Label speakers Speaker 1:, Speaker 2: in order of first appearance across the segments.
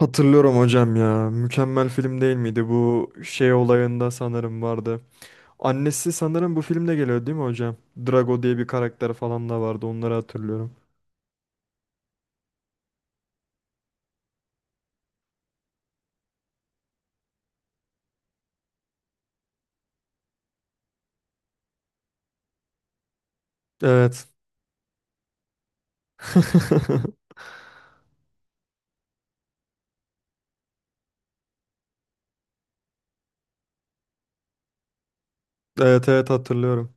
Speaker 1: Hatırlıyorum hocam ya. Mükemmel film değil miydi? Bu şey olayında sanırım vardı. Annesi sanırım bu filmde geliyor değil mi hocam? Drago diye bir karakter falan da vardı. Onları hatırlıyorum. Evet. Evet, evet, hatırlıyorum.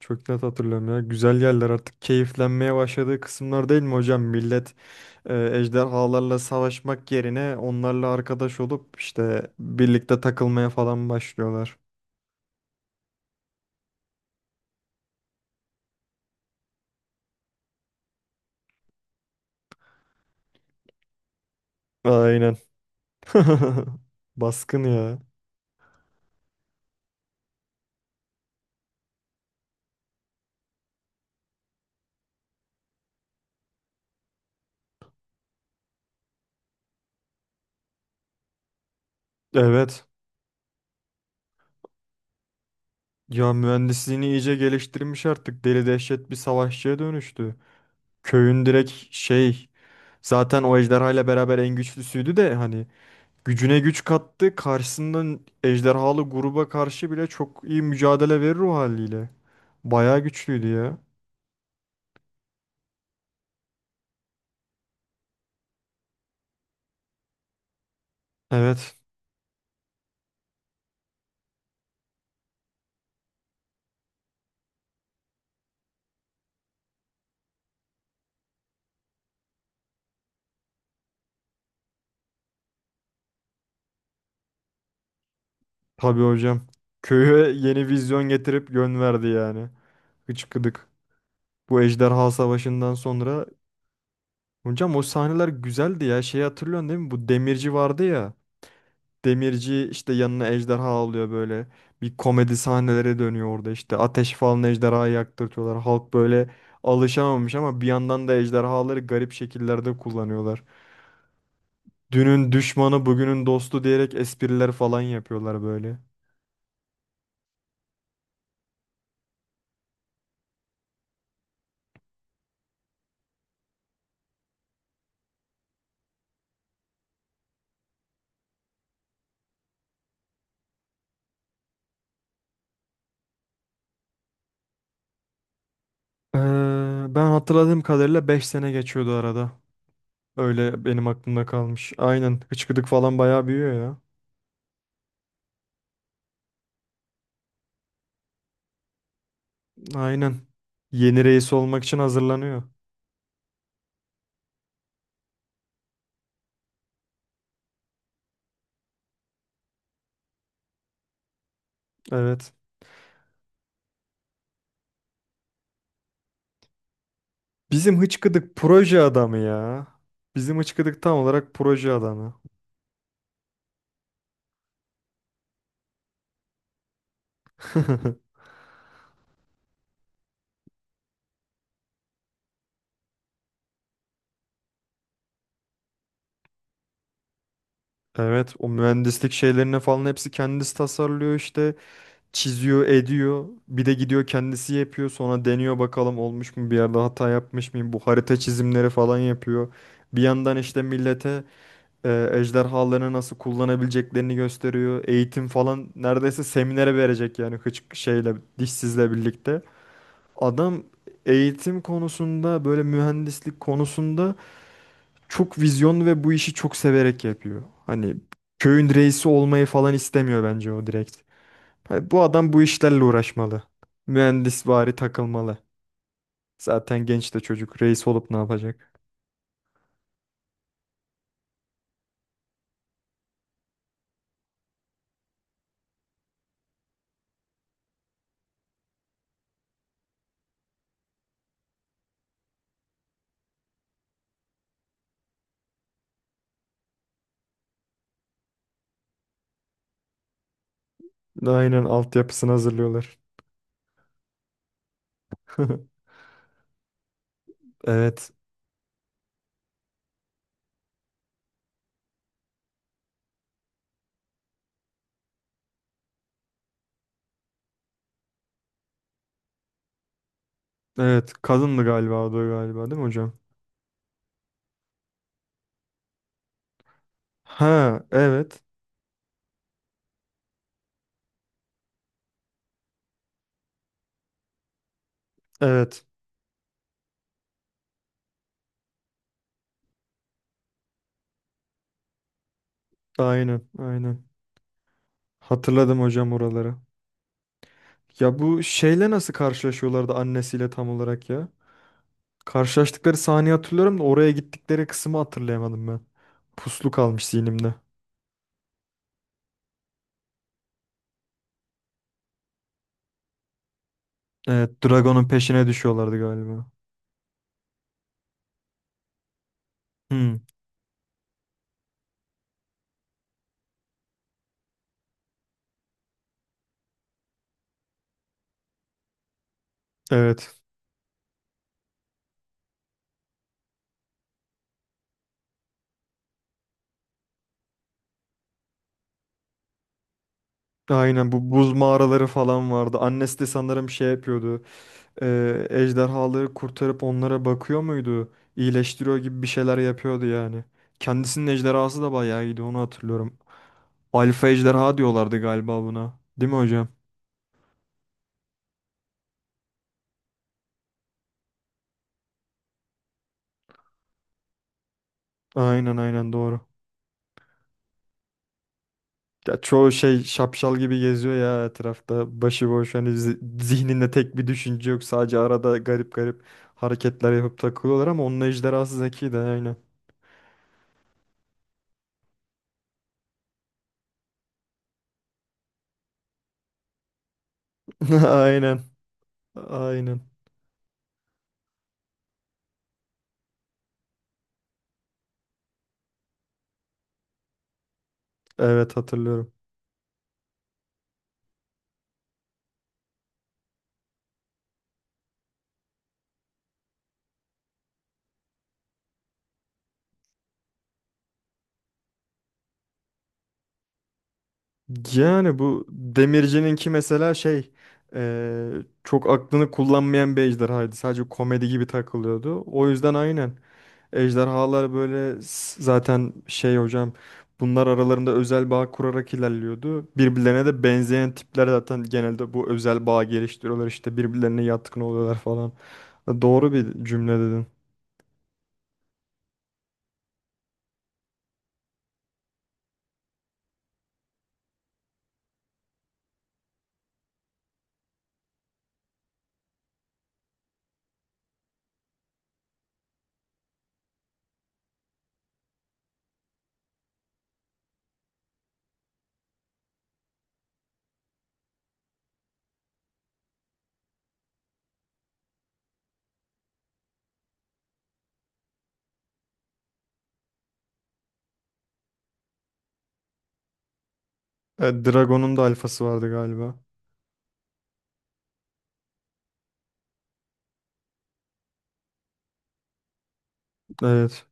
Speaker 1: Çok net hatırlıyorum ya. Güzel yerler artık keyiflenmeye başladığı kısımlar değil mi hocam? Millet ejderhalarla savaşmak yerine onlarla arkadaş olup işte birlikte takılmaya falan başlıyorlar. Aynen. Baskın ya. Evet. Ya mühendisliğini iyice geliştirmiş artık. Deli dehşet bir savaşçıya dönüştü. Köyün direkt şey zaten o ejderhayla beraber en güçlüsüydü de hani gücüne güç kattı. Karşısından ejderhalı gruba karşı bile çok iyi mücadele verir o haliyle. Bayağı güçlüydü ya. Evet, tabii hocam. Köye yeni vizyon getirip yön verdi yani. Hıçkıdık. Bu ejderha savaşından sonra. Hocam o sahneler güzeldi ya. Şeyi hatırlıyorsun değil mi? Bu demirci vardı ya. Demirci işte yanına ejderha alıyor böyle. Bir komedi sahneleri dönüyor orada işte. Ateş falan ejderhayı yaktırtıyorlar. Halk böyle alışamamış ama bir yandan da ejderhaları garip şekillerde kullanıyorlar. Dünün düşmanı bugünün dostu diyerek espriler falan yapıyorlar böyle. Ben hatırladığım kadarıyla 5 sene geçiyordu arada. Öyle benim aklımda kalmış. Aynen hıçkıdık falan bayağı büyüyor ya. Aynen. Yeni reis olmak için hazırlanıyor. Evet. Bizim hıçkıdık proje adamı ya. Bizim hıçkıdık tam olarak proje adamı. Evet, o mühendislik şeylerine falan hepsi kendisi tasarlıyor işte. Çiziyor, ediyor. Bir de gidiyor kendisi yapıyor. Sonra deniyor bakalım olmuş mu bir yerde hata yapmış mıyım. Bu harita çizimleri falan yapıyor. Bir yandan işte millete ejderhalarını nasıl kullanabileceklerini gösteriyor. Eğitim falan neredeyse seminere verecek yani şeyle dişsizle birlikte. Adam eğitim konusunda böyle mühendislik konusunda çok vizyonlu ve bu işi çok severek yapıyor. Hani köyün reisi olmayı falan istemiyor bence o direkt. Ha, bu adam bu işlerle uğraşmalı. Mühendisvari takılmalı. Zaten genç de çocuk reis olup ne yapacak? Aynen altyapısını hazırlıyorlar. Evet. Evet, kadındı galiba o da galiba değil mi hocam? Ha, evet. Evet. Aynen, aynen. Hatırladım hocam oraları. Ya bu şeyle nasıl karşılaşıyorlardı annesiyle tam olarak ya? Karşılaştıkları sahneyi hatırlıyorum da oraya gittikleri kısmı hatırlayamadım ben. Puslu kalmış zihnimde. Evet, Dragon'un peşine düşüyorlardı galiba. Hmm, evet. Aynen bu buz mağaraları falan vardı. Annesi de sanırım şey yapıyordu. Ejderhaları kurtarıp onlara bakıyor muydu? İyileştiriyor gibi bir şeyler yapıyordu yani. Kendisinin ejderhası da bayağı iyiydi onu hatırlıyorum. Alfa ejderha diyorlardı galiba buna. Değil mi hocam? Aynen, aynen, doğru. Ya çoğu şey şapşal gibi geziyor ya etrafta. Başıboş hani zihninde tek bir düşünce yok. Sadece arada garip garip hareketler yapıp takılıyorlar ama onun ejderhası zeki de aynen. Aynen. Aynen. Evet, hatırlıyorum. Yani bu Demirci'ninki mesela şey eee, çok aklını kullanmayan bir ejderhaydı. Sadece komedi gibi takılıyordu. O yüzden aynen. Ejderhalar böyle zaten şey hocam bunlar aralarında özel bağ kurarak ilerliyordu. Birbirlerine de benzeyen tipler zaten genelde bu özel bağ geliştiriyorlar işte birbirlerine yatkın oluyorlar falan. E, doğru bir cümle dedin. E, Dragon'un da alfası vardı galiba. Evet.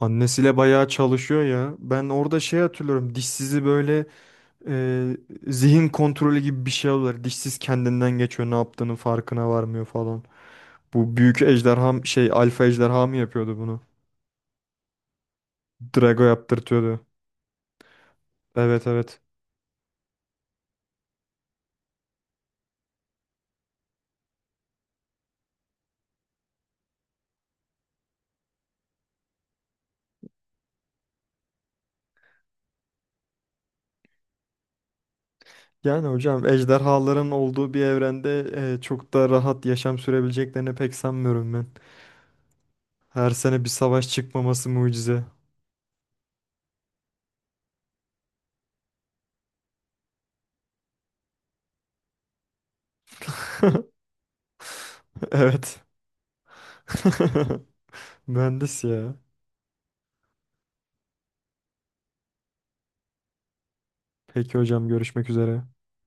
Speaker 1: Annesiyle bayağı çalışıyor ya. Ben orada şey hatırlıyorum. Dişsizi böyle Ee, zihin kontrolü gibi bir şey oluyor. Dişsiz kendinden geçiyor, ne yaptığının farkına varmıyor falan. Bu büyük ejderha şey alfa ejderha mı yapıyordu bunu? Drago yaptırtıyordu. Evet, evet. Yani hocam ejderhaların olduğu bir evrende çok da rahat yaşam sürebileceklerini pek sanmıyorum ben. Her sene bir savaş çıkmaması mucize. Evet. Mühendis ya. Peki hocam görüşmek üzere.